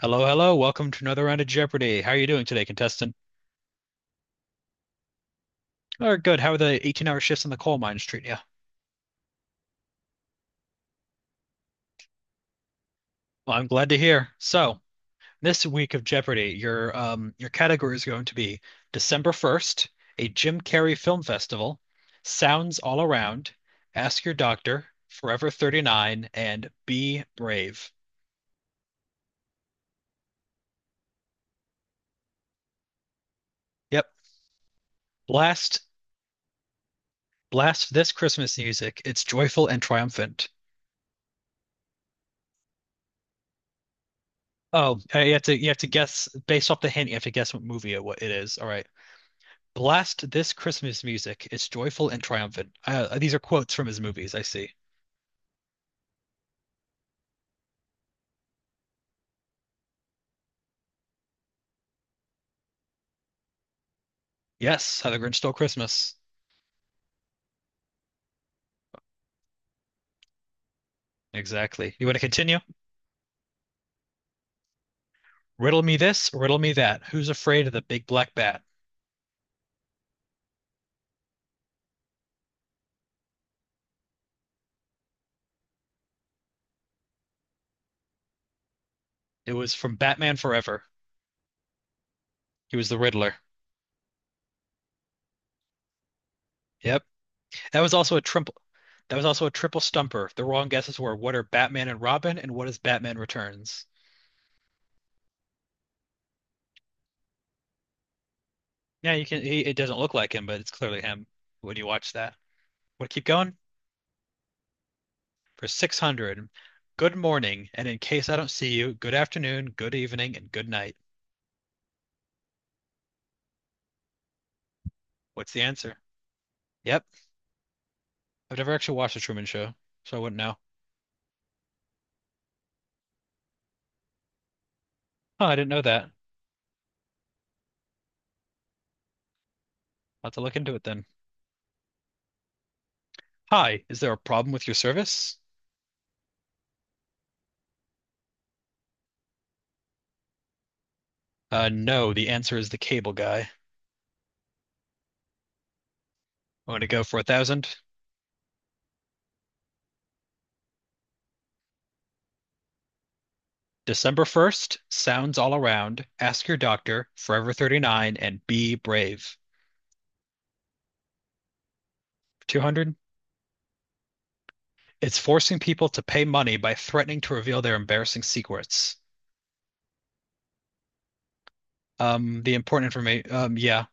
Hello, hello. Welcome to another round of Jeopardy. How are you doing today, contestant? Oh, good. How are the 18-hour shifts in the coal mines treating you? Well, I'm glad to hear. So, this week of Jeopardy, your category is going to be December 1st, a Jim Carrey film festival, Sounds All Around, Ask Your Doctor, Forever 39, and Be Brave. Yep. Blast, blast this Christmas music. It's joyful and triumphant. Oh, you have to guess based off the hint, you have to guess what it is. All right. Blast this Christmas music. It's joyful and triumphant. These are quotes from his movies, I see. Yes, How the Grinch Stole Christmas. Exactly. You want to continue? Riddle me this, riddle me that. Who's afraid of the big black bat? It was from Batman Forever. He was the Riddler. Yep. That was also a triple that was also a triple stumper. The wrong guesses were what are Batman and Robin and what is Batman Returns? Yeah, it doesn't look like him, but it's clearly him when you watch that. Want to keep going? For 600. Good morning, and in case I don't see you, good afternoon, good evening, and good night. What's the answer? Yep. I've never actually watched The Truman Show, so I wouldn't know. Oh, I didn't know that. I'll have to look into it then. Hi, is there a problem with your service? No, the answer is the cable guy. I'm going to go for 1,000. December 1st, sounds all around. Ask your doctor, Forever 39, and be brave. 200. It's forcing people to pay money by threatening to reveal their embarrassing secrets. The important information, yeah,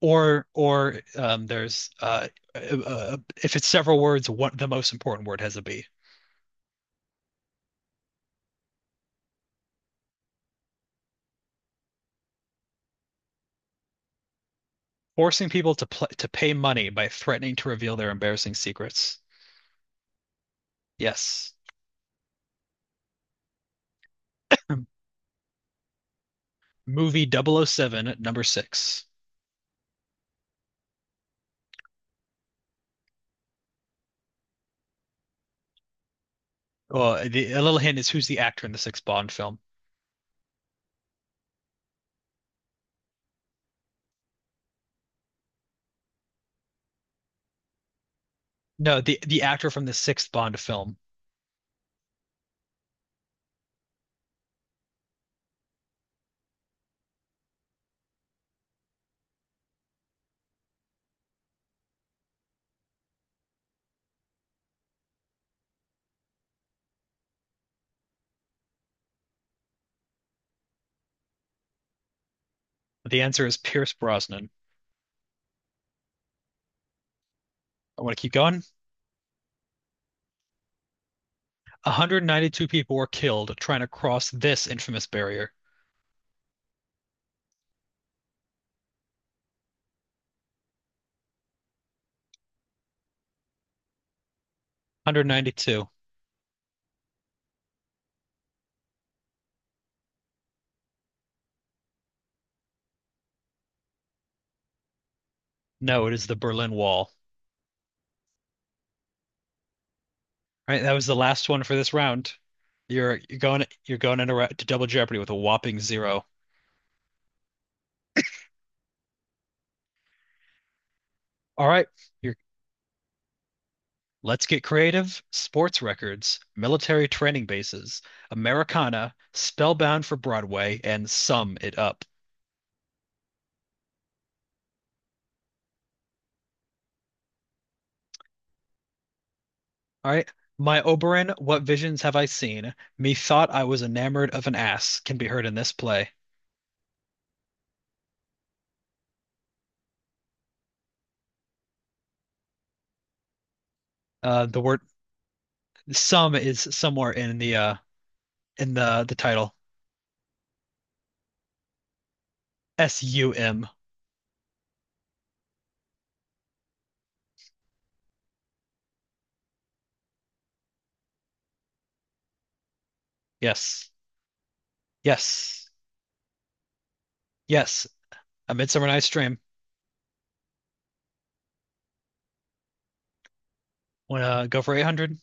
or, there's, uh, uh if it's several words, what the most important word has a B. Forcing people to pl to pay money by threatening to reveal their embarrassing secrets. Yes. Movie 007, at number six. Oh, a little hint is who's the actor in the sixth Bond film. No, the actor from the sixth Bond film. The answer is Pierce Brosnan. I want to keep going. 192 people were killed trying to cross this infamous barrier. 192. No, it is the Berlin Wall. All right, that was the last one for this round. You're going into ra- to double Jeopardy with a whopping zero. All right, you're let's get creative. Sports records, military training bases, Americana, Spellbound for Broadway, and Sum It Up. All right, my Oberon, what visions have I seen? Methought I was enamored of an ass can be heard in this play. The word sum is somewhere in the title. SUM. Yes. Yes. Yes, A Midsummer Night's Dream. Want to go for 800?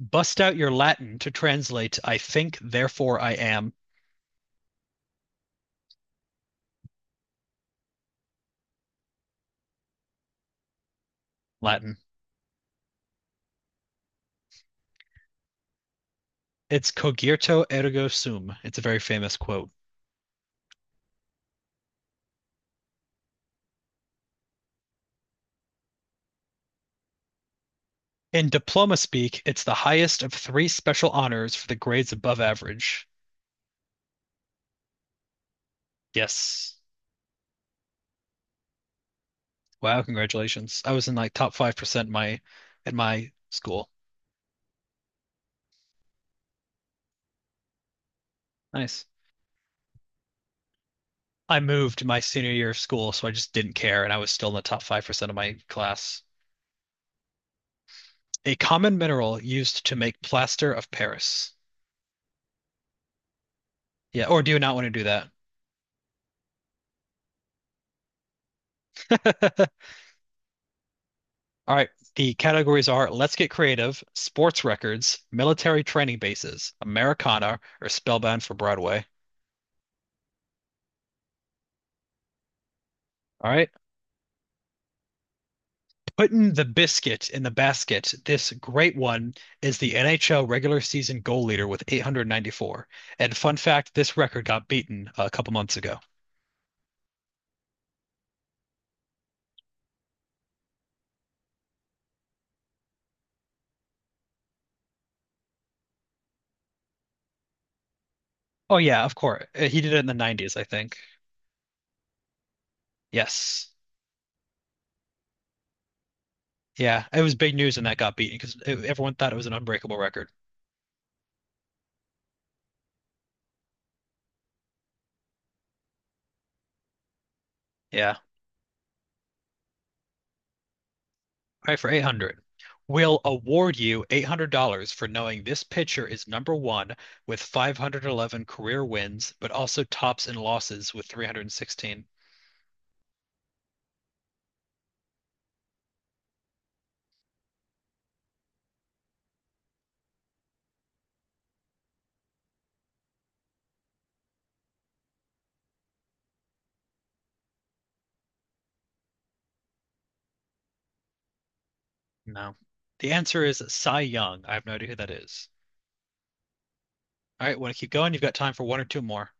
Bust out your Latin to translate I think, therefore I am. Latin. It's cogito ergo sum. It's a very famous quote. In diploma speak, it's the highest of three special honors for the grades above average. Yes. Wow, congratulations. I was in like top 5% my at my school. Nice. I moved my senior year of school, so I just didn't care, and I was still in the top 5% of my class. A common mineral used to make plaster of Paris. Yeah, or do you not want to do that? All right. The categories are Let's Get Creative, Sports Records, Military Training Bases, Americana, or Spellbound for Broadway. All right. Putting the biscuit in the basket, this great one is the NHL regular season goal leader with 894. And fun fact, this record got beaten a couple months ago. Oh yeah, of course. He did it in the 90s, I think. Yes. Yeah, it was big news when that got beaten because everyone thought it was an unbreakable record. Yeah. All right, for 800. We'll award you $800 for knowing this pitcher is number one with 511 career wins, but also tops in losses with 316. No. The answer is Cy Young. I have no idea who that is. All right, want to keep going? You've got time for one or two more.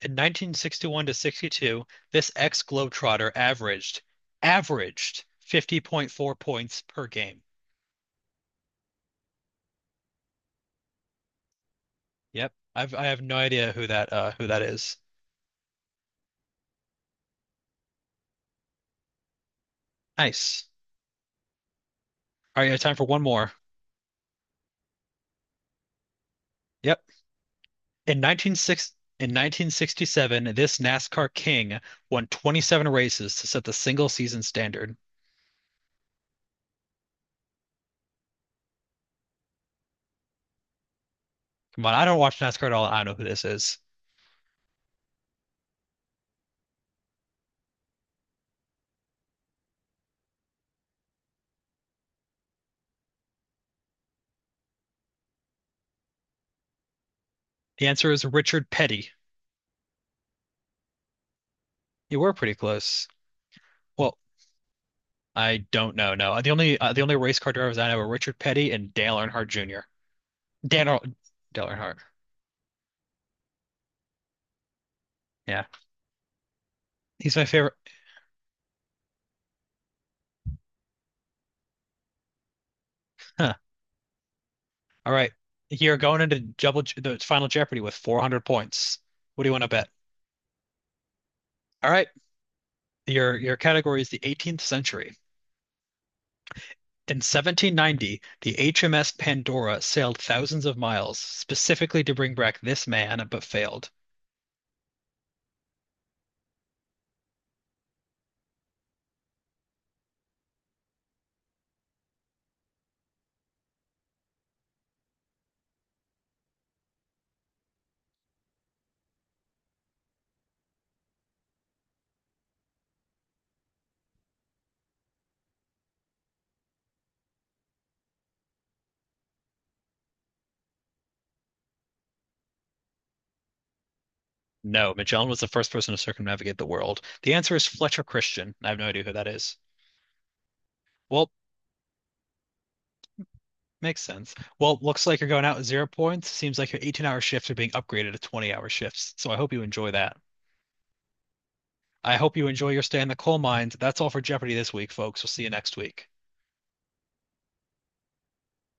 In 1961 to 62, this ex-Globetrotter averaged 50.4 points per game. Yep. I have no idea who that is. Nice. All right, you have time for one more. Yep. In 1967, this NASCAR king won 27 races to set the single season standard. Come on, I don't watch NASCAR at all. I don't know who this is. The answer is Richard Petty. You were pretty close. Well, I don't know. No, the only race car drivers I know are Richard Petty and Dale Earnhardt Jr. Dan Earl- Dale Earnhardt. Yeah, he's my favorite. Huh. All right, you're going into the final Jeopardy with 400 points. What do you want to bet? All right, your category is the 18th century. In 1790, the HMS Pandora sailed thousands of miles specifically to bring back this man, but failed. No, Magellan was the first person to circumnavigate the world. The answer is Fletcher Christian. I have no idea who that is. Well, makes sense. Well, looks like you're going out with 0 points. Seems like your 18-hour shifts are being upgraded to 20-hour shifts. So I hope you enjoy that. I hope you enjoy your stay in the coal mines. That's all for Jeopardy this week, folks. We'll see you next week.